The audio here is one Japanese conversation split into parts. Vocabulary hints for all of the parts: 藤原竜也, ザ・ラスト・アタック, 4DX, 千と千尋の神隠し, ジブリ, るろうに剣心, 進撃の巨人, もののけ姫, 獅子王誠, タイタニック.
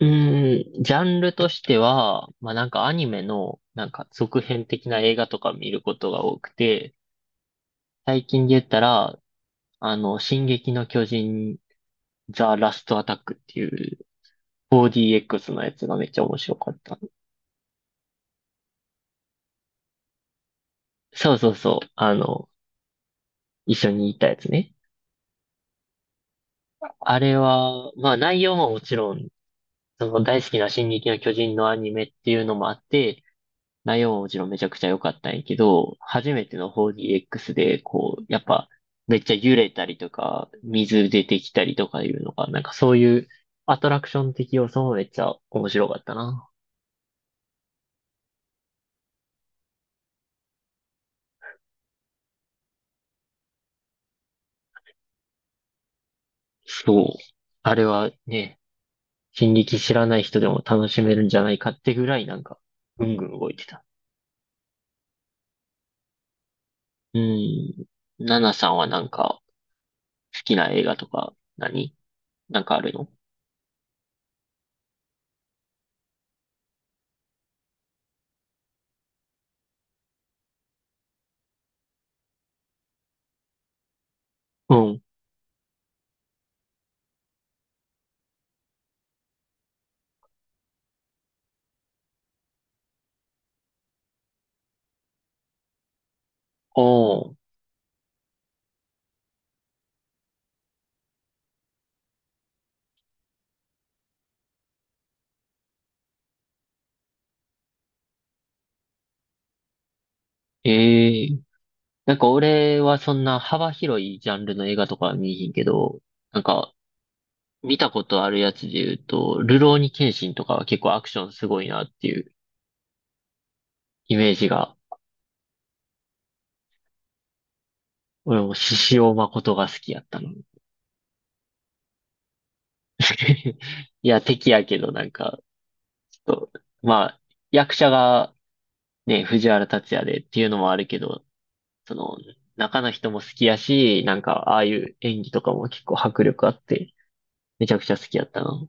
うーん、ジャンルとしては、まあなんかアニメのなんか続編的な映画とか見ることが多くて、最近で言ったら、進撃の巨人、ザ・ラスト・アタックっていう 4DX のやつがめっちゃ面白かった。そうそうそう、一緒にいたやつね。あれは、まあ内容ももちろん、その大好きな進撃の巨人のアニメっていうのもあって、内容ももちろんめちゃくちゃ良かったんやけど、初めての 4DX で、こう、やっぱ、めっちゃ揺れたりとか、水出てきたりとかいうのが、なんかそういうアトラクション的要素もめっちゃ面白かったな。そう。あれはね、進撃知らない人でも楽しめるんじゃないかってぐらいなんか、ぐんぐん動いてた。うん。ナナさんはなんか、好きな映画とか何、なんかあるの？うん。おー。ええなんか俺はそんな幅広いジャンルの映画とかは見えへんけど、なんか見たことあるやつで言うと、るろうに剣心とかは結構アクションすごいなっていうイメージが、俺も獅子王誠が好きやったの。いや、敵やけどなんか、ちょっと、まあ、役者がね、藤原竜也でっていうのもあるけど、その、中の人も好きやし、なんか、ああいう演技とかも結構迫力あって、めちゃくちゃ好きやったな。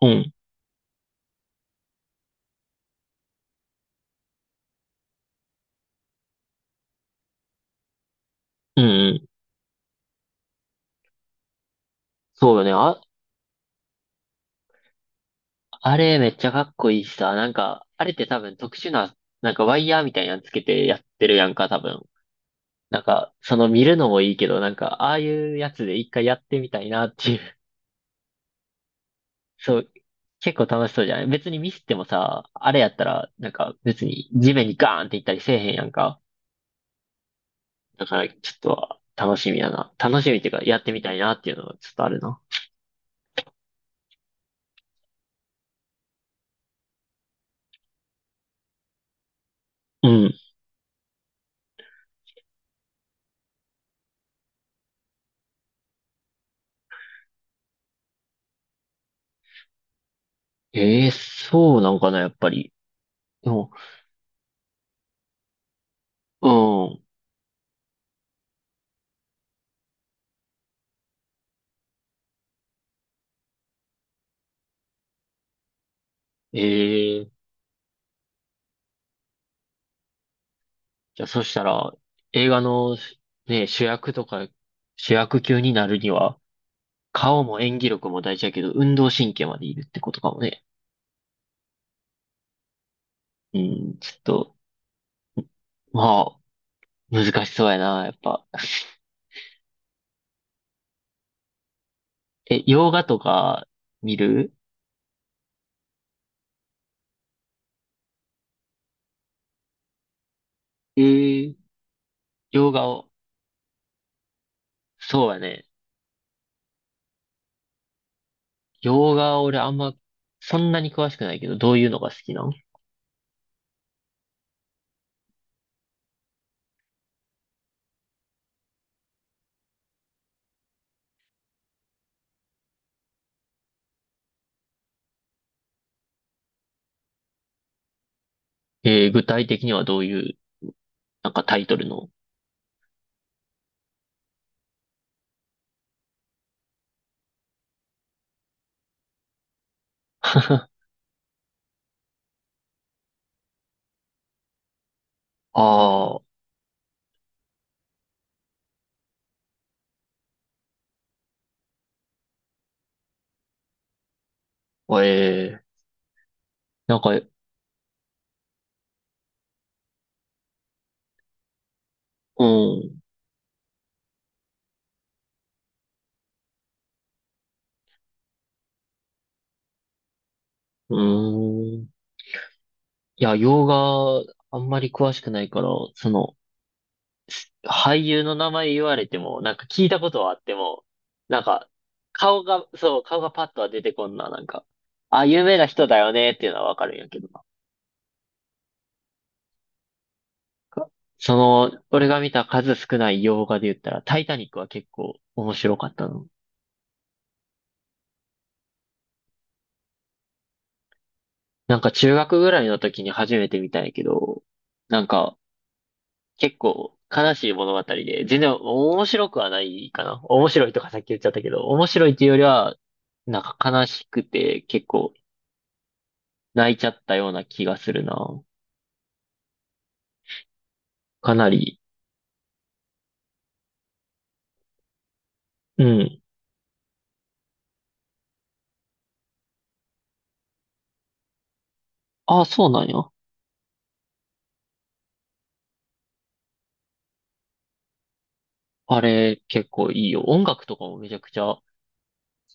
うん。うんうん。そうよね。あ、あれめっちゃかっこいいしさ、なんか、あれって多分特殊な、なんかワイヤーみたいなのつけてやってるやんか、多分。なんか、その見るのもいいけど、なんか、ああいうやつで一回やってみたいなっていう。そう、結構楽しそうじゃない別にミスってもさ、あれやったら、なんか別に地面にガーンっていったりせえへんやんか。だから、ちょっと楽しみやな。楽しみっていうか、やってみたいなっていうのがちょっとあるな。うん。ええそうなんかな、やっぱり。でも。うん。ええじゃあ、そしたら、映画の、ね、主役とか、主役級になるには、顔も演技力も大事やけど、運動神経までいるってことかもね。うん、ちょっと、まあ、難しそうやな、やっぱ。え、洋画とか見る？えー、洋画を、そうやね。洋画俺あんま、そんなに詳しくないけど、どういうのが好きなん？えー、具体的にはどういう、なんかタイトルの。ああ、ええなんか、うん、うーん。いや、洋画、あんまり詳しくないから、その、俳優の名前言われても、なんか聞いたことはあっても、なんか、顔が、そう、顔がパッとは出てこんな、なんか、あ、有名な人だよねっていうのはわかるんやけどな。その、俺が見た数少ない洋画で言ったら、タイタニックは結構面白かったの。なんか中学ぐらいの時に初めて見たんやけど、なんか結構悲しい物語で、全然面白くはないかな。面白いとかさっき言っちゃったけど、面白いっていうよりは、なんか悲しくて結構泣いちゃったような気がするな。かなり。うん。ああ、そうなんや。あれ結構いいよ。音楽とかもめちゃくちゃ、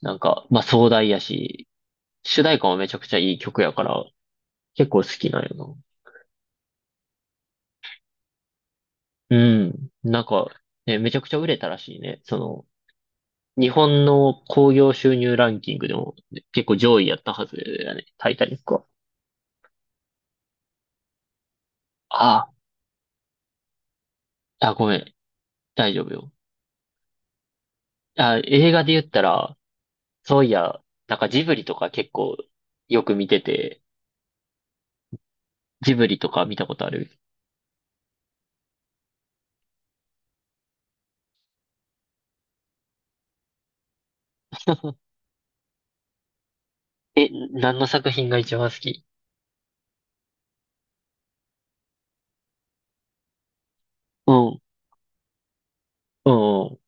なんか、まあ壮大やし、主題歌もめちゃくちゃいい曲やから、結構好きなんよな。うん。なんか、ね、めちゃくちゃ売れたらしいね。その、日本の興行収入ランキングでも結構上位やったはずだね。タイタニックは。ああ、あ、ごめん。大丈夫よ。あ、映画で言ったら、そういや、なんかジブリとか結構よく見てて、ジブリとか見たことある？え、何の作品が一番好き？うん、うん、うん。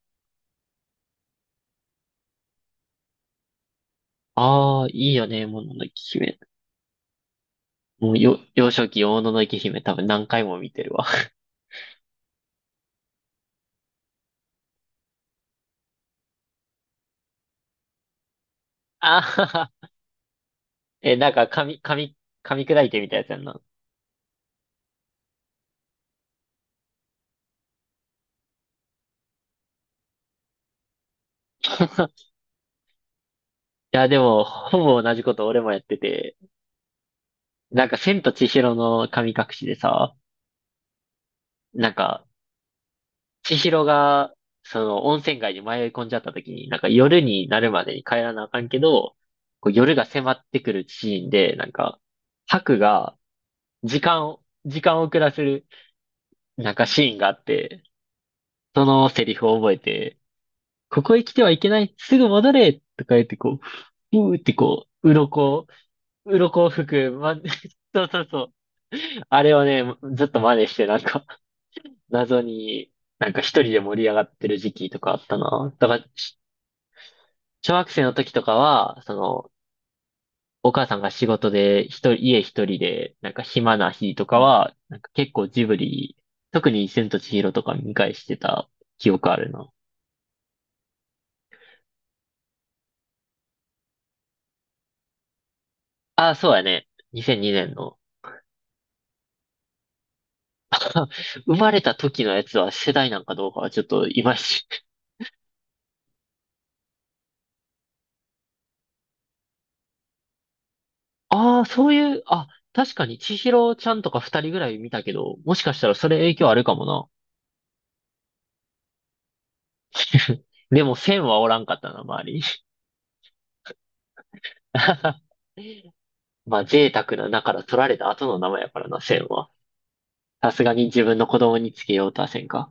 ああ、いいよね、もののけ姫。もうよ、幼少期、もののけ姫多分何回も見てるわ。あはは。え、なんか噛み砕いてみたやつやんな。いや、でも、ほぼ同じこと俺もやってて、なんか、千と千尋の神隠しでさ、なんか、千尋が、その、温泉街に迷い込んじゃった時に、なんか、夜になるまでに帰らなあかんけど、こう夜が迫ってくるシーンで、なんか、ハクが、時間を遅らせる、なんかシーンがあって、そのセリフを覚えて、ここへ来てはいけない、すぐ戻れとか言って、こう、うーってこう、鱗を吹く、ま、そうそうそう。あれをね、ずっと真似して、なんか、謎に、なんか一人で盛り上がってる時期とかあったな。だから、小学生の時とかは、その、お母さんが仕事で一人、家一人で、なんか暇な日とかは、なんか結構ジブリ、特に千と千尋とか見返してた記憶あるな。ああ、そうやね。2002年の。生まれた時のやつは世代なんかどうかはちょっといまいち。ああ、そういう、あ、確かに、千尋ちゃんとか二人ぐらい見たけど、もしかしたらそれ影響あるかもな。でも、千はおらんかったな、周りに。まあ、贅沢な名から取られた後の名前やからな、千は。さすがに自分の子供につけようとはせんか。